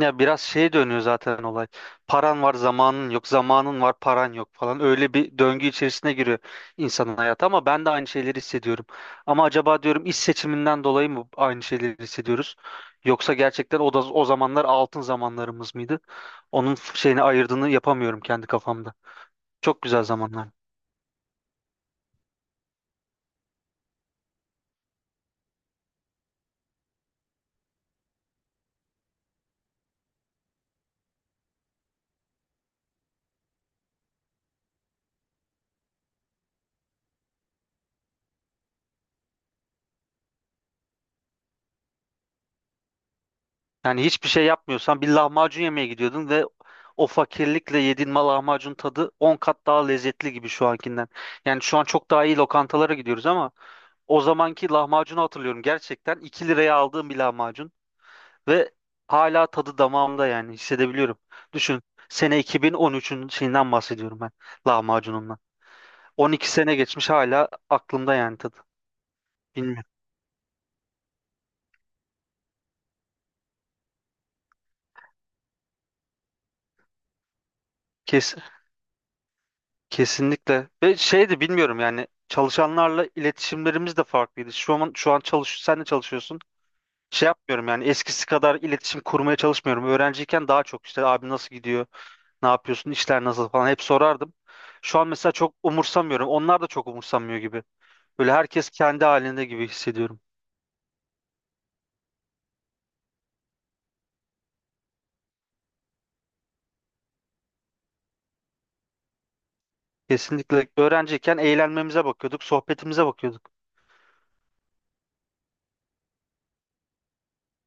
Ya biraz şeye dönüyor zaten olay. Paran var, zamanın yok. Zamanın var, paran yok falan. Öyle bir döngü içerisine giriyor insanın hayatı ama ben de aynı şeyleri hissediyorum. Ama acaba diyorum iş seçiminden dolayı mı aynı şeyleri hissediyoruz? Yoksa gerçekten o da o zamanlar altın zamanlarımız mıydı? Onun şeyini ayırdığını yapamıyorum kendi kafamda. Çok güzel zamanlar. Yani hiçbir şey yapmıyorsan bir lahmacun yemeye gidiyordun ve o fakirlikle yediğin lahmacun tadı 10 kat daha lezzetli gibi şu ankinden. Yani şu an çok daha iyi lokantalara gidiyoruz ama o zamanki lahmacunu hatırlıyorum gerçekten. 2 liraya aldığım bir lahmacun ve hala tadı damağımda yani hissedebiliyorum. Düşün, sene 2013'ün şeyinden bahsediyorum ben, lahmacunumdan. 12 sene geçmiş hala aklımda yani tadı. Bilmiyorum. Kes, Kesinlikle. Ve şey de bilmiyorum yani çalışanlarla iletişimlerimiz de farklıydı. Şu an çalış, sen de çalışıyorsun. Şey yapmıyorum yani eskisi kadar iletişim kurmaya çalışmıyorum. Öğrenciyken daha çok işte abi nasıl gidiyor? Ne yapıyorsun? İşler nasıl falan hep sorardım. Şu an mesela çok umursamıyorum. Onlar da çok umursamıyor gibi. Böyle herkes kendi halinde gibi hissediyorum. Kesinlikle öğrenciyken eğlenmemize bakıyorduk, sohbetimize bakıyorduk.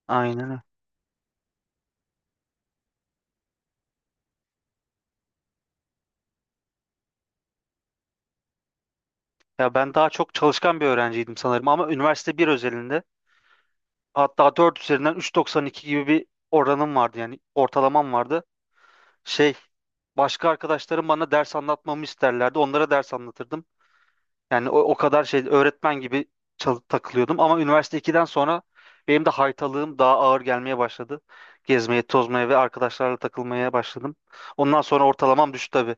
Aynen öyle. Ya ben daha çok çalışkan bir öğrenciydim sanırım ama üniversite bir özelinde hatta 4 üzerinden 3,92 gibi bir oranım vardı yani ortalamam vardı. Şey, başka arkadaşlarım bana ders anlatmamı isterlerdi. Onlara ders anlatırdım. Yani o kadar şey öğretmen gibi takılıyordum ama üniversite ikiden sonra benim de haytalığım daha ağır gelmeye başladı. Gezmeye, tozmaya ve arkadaşlarla takılmaya başladım. Ondan sonra ortalamam düştü tabii.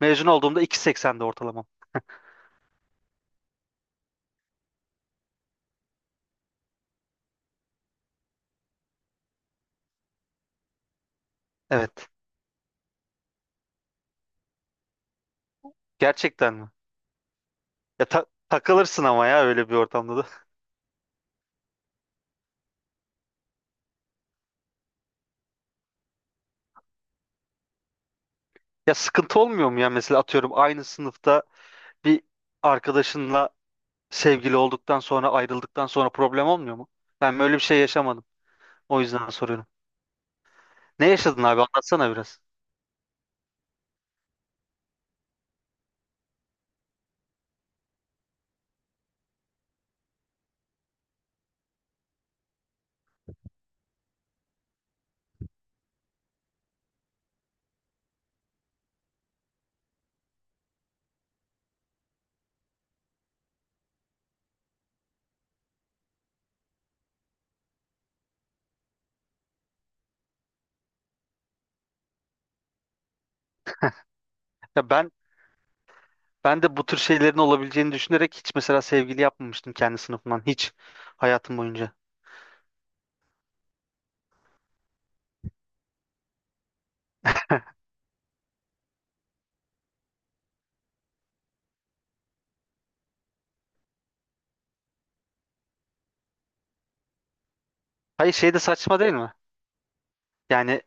Mezun olduğumda 2,80'de ortalamam. Evet. Gerçekten mi? Ya takılırsın ama ya öyle bir ortamda da. Ya sıkıntı olmuyor mu ya mesela atıyorum aynı sınıfta bir arkadaşınla sevgili olduktan sonra ayrıldıktan sonra problem olmuyor mu? Ben böyle bir şey yaşamadım. O yüzden soruyorum. Ne yaşadın abi? Anlatsana biraz. Ya ben de bu tür şeylerin olabileceğini düşünerek hiç mesela sevgili yapmamıştım kendi sınıfımdan hiç hayatım boyunca. Hayır şey de saçma değil mi? Yani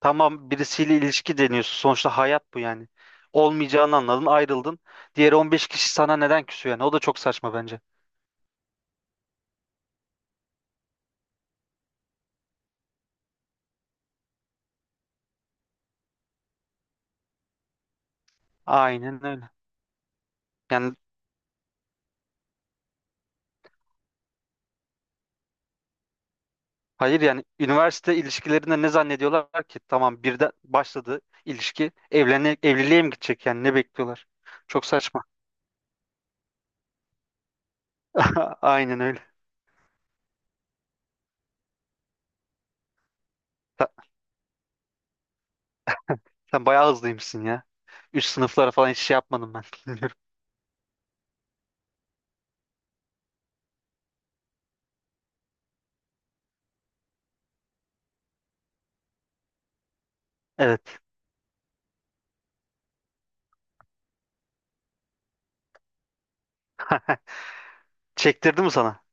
tamam birisiyle ilişki deniyorsun. Sonuçta hayat bu yani. Olmayacağını anladın, ayrıldın. Diğer 15 kişi sana neden küsüyor yani? O da çok saçma bence. Aynen öyle. Yani hayır yani üniversite ilişkilerinde ne zannediyorlar ki? Tamam birden başladı ilişki. Evlene, evliliğe mi gidecek yani ne bekliyorlar? Çok saçma. Aynen öyle. Sen bayağı hızlıymışsın ya. Üst sınıflara falan hiç şey yapmadım ben. Bilmiyorum. Evet. Çektirdi mi sana?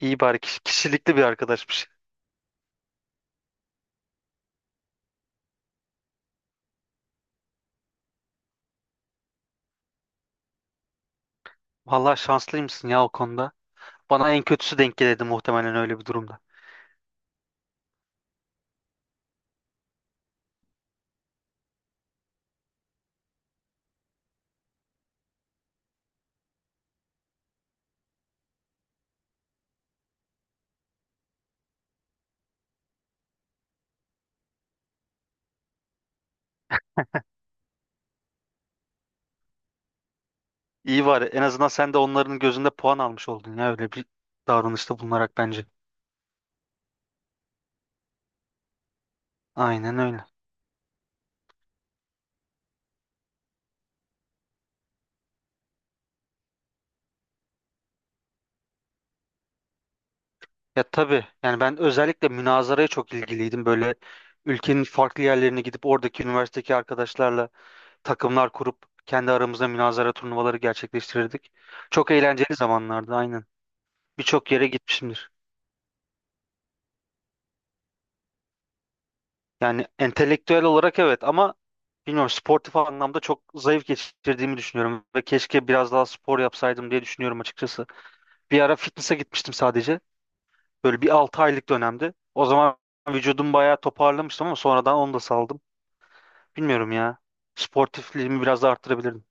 İyi bari kişilikli bir arkadaşmış. Vallahi şanslıymışsın ya o konuda. Bana en kötüsü denk gelirdi muhtemelen öyle bir durumda. İyi var. En azından sen de onların gözünde puan almış oldun ya öyle bir davranışta bulunarak bence. Aynen öyle. Ya tabii yani ben özellikle münazaraya çok ilgiliydim. Böyle ülkenin farklı yerlerine gidip oradaki üniversitedeki arkadaşlarla takımlar kurup kendi aramızda münazara turnuvaları gerçekleştirirdik. Çok eğlenceli zamanlardı aynen. Birçok yere gitmişimdir. Yani entelektüel olarak evet ama bilmiyorum sportif anlamda çok zayıf geçirdiğimi düşünüyorum ve keşke biraz daha spor yapsaydım diye düşünüyorum açıkçası. Bir ara fitness'a gitmiştim sadece. Böyle bir 6 aylık dönemdi. O zaman vücudum bayağı toparlamıştım ama sonradan onu da saldım. Bilmiyorum ya. Sportifliğimi biraz da arttırabilirdim.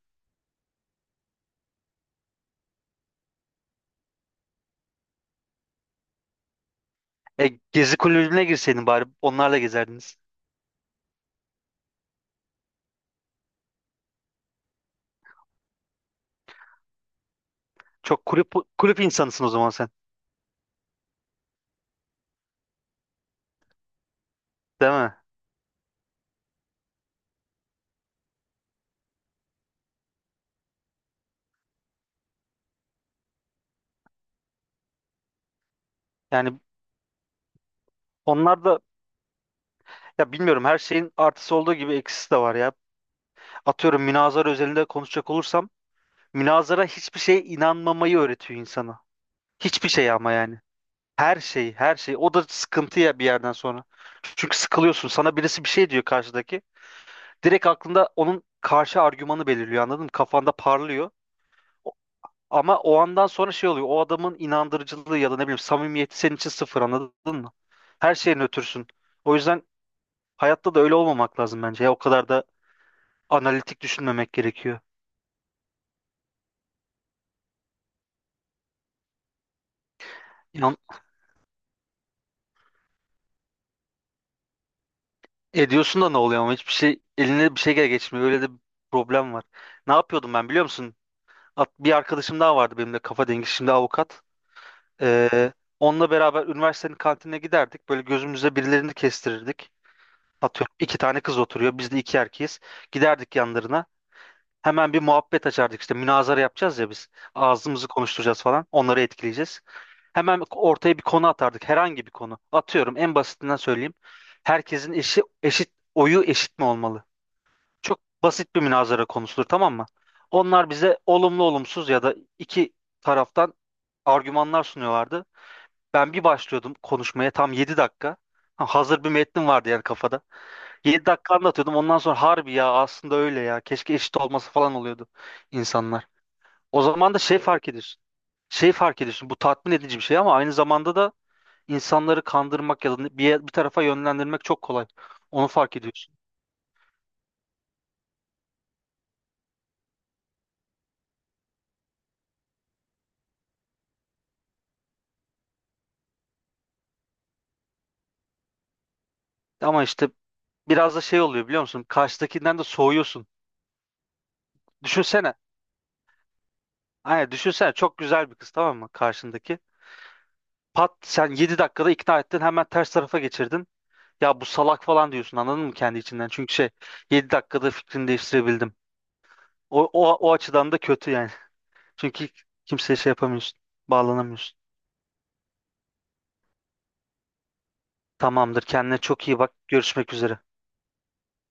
E, gezi kulübüne girseydin bari onlarla gezerdiniz. Çok kulüp kulüp insanısın o zaman sen. Değil mi? Yani onlar da, ya bilmiyorum her şeyin artısı olduğu gibi eksisi de var ya. Atıyorum münazara özelinde konuşacak olursam münazara hiçbir şeye inanmamayı öğretiyor insana. Hiçbir şey ama yani. Her şey, her şey. O da sıkıntı ya bir yerden sonra. Çünkü sıkılıyorsun. Sana birisi bir şey diyor karşıdaki. Direkt aklında onun karşı argümanı belirliyor anladın mı? Kafanda parlıyor. Ama o andan sonra şey oluyor. O adamın inandırıcılığı ya da ne bileyim samimiyeti senin için sıfır anladın mı? Her şeyin ötürsün. O yüzden hayatta da öyle olmamak lazım bence. Ya, o kadar da analitik düşünmemek gerekiyor. İnan ediyorsun da ne oluyor ama hiçbir şey eline bir şey geçmiyor. Öyle de bir problem var. Ne yapıyordum ben biliyor musun? Bir arkadaşım daha vardı benim de kafa dengi, şimdi avukat. Ee, Onunla beraber üniversitenin kantinine giderdik. Böyle gözümüze birilerini kestirirdik. Atıyorum iki tane kız oturuyor. Biz de iki erkeğiz. Giderdik yanlarına. Hemen bir muhabbet açardık, işte münazara yapacağız ya biz. Ağzımızı konuşturacağız falan. Onları etkileyeceğiz. Hemen ortaya bir konu atardık. Herhangi bir konu. Atıyorum en basitinden söyleyeyim. Herkesin eşi eşit, oyu eşit mi olmalı? Çok basit bir münazara konusudur tamam mı? Onlar bize olumlu olumsuz ya da iki taraftan argümanlar sunuyorlardı. Ben bir başlıyordum konuşmaya tam 7 dakika. Ha, hazır bir metnim vardı yani kafada. 7 dakika anlatıyordum. Ondan sonra harbi ya aslında öyle ya. Keşke eşit olması falan oluyordu insanlar. O zaman da şey fark ediyorsun. Şey fark ediyorsun. Bu tatmin edici bir şey ama aynı zamanda da insanları kandırmak ya da bir tarafa yönlendirmek çok kolay. Onu fark ediyorsun. Ama işte biraz da şey oluyor biliyor musun? Karşıdakinden de soğuyorsun. Düşünsene. Aynen düşünsene, çok güzel bir kız tamam mı karşındaki. Pat sen 7 dakikada ikna ettin, hemen ters tarafa geçirdin. Ya bu salak falan diyorsun anladın mı kendi içinden? Çünkü şey, 7 dakikada fikrini değiştirebildim. O açıdan da kötü yani. Çünkü kimseye şey yapamıyorsun. Bağlanamıyorsun. Tamamdır. Kendine çok iyi bak. Görüşmek üzere.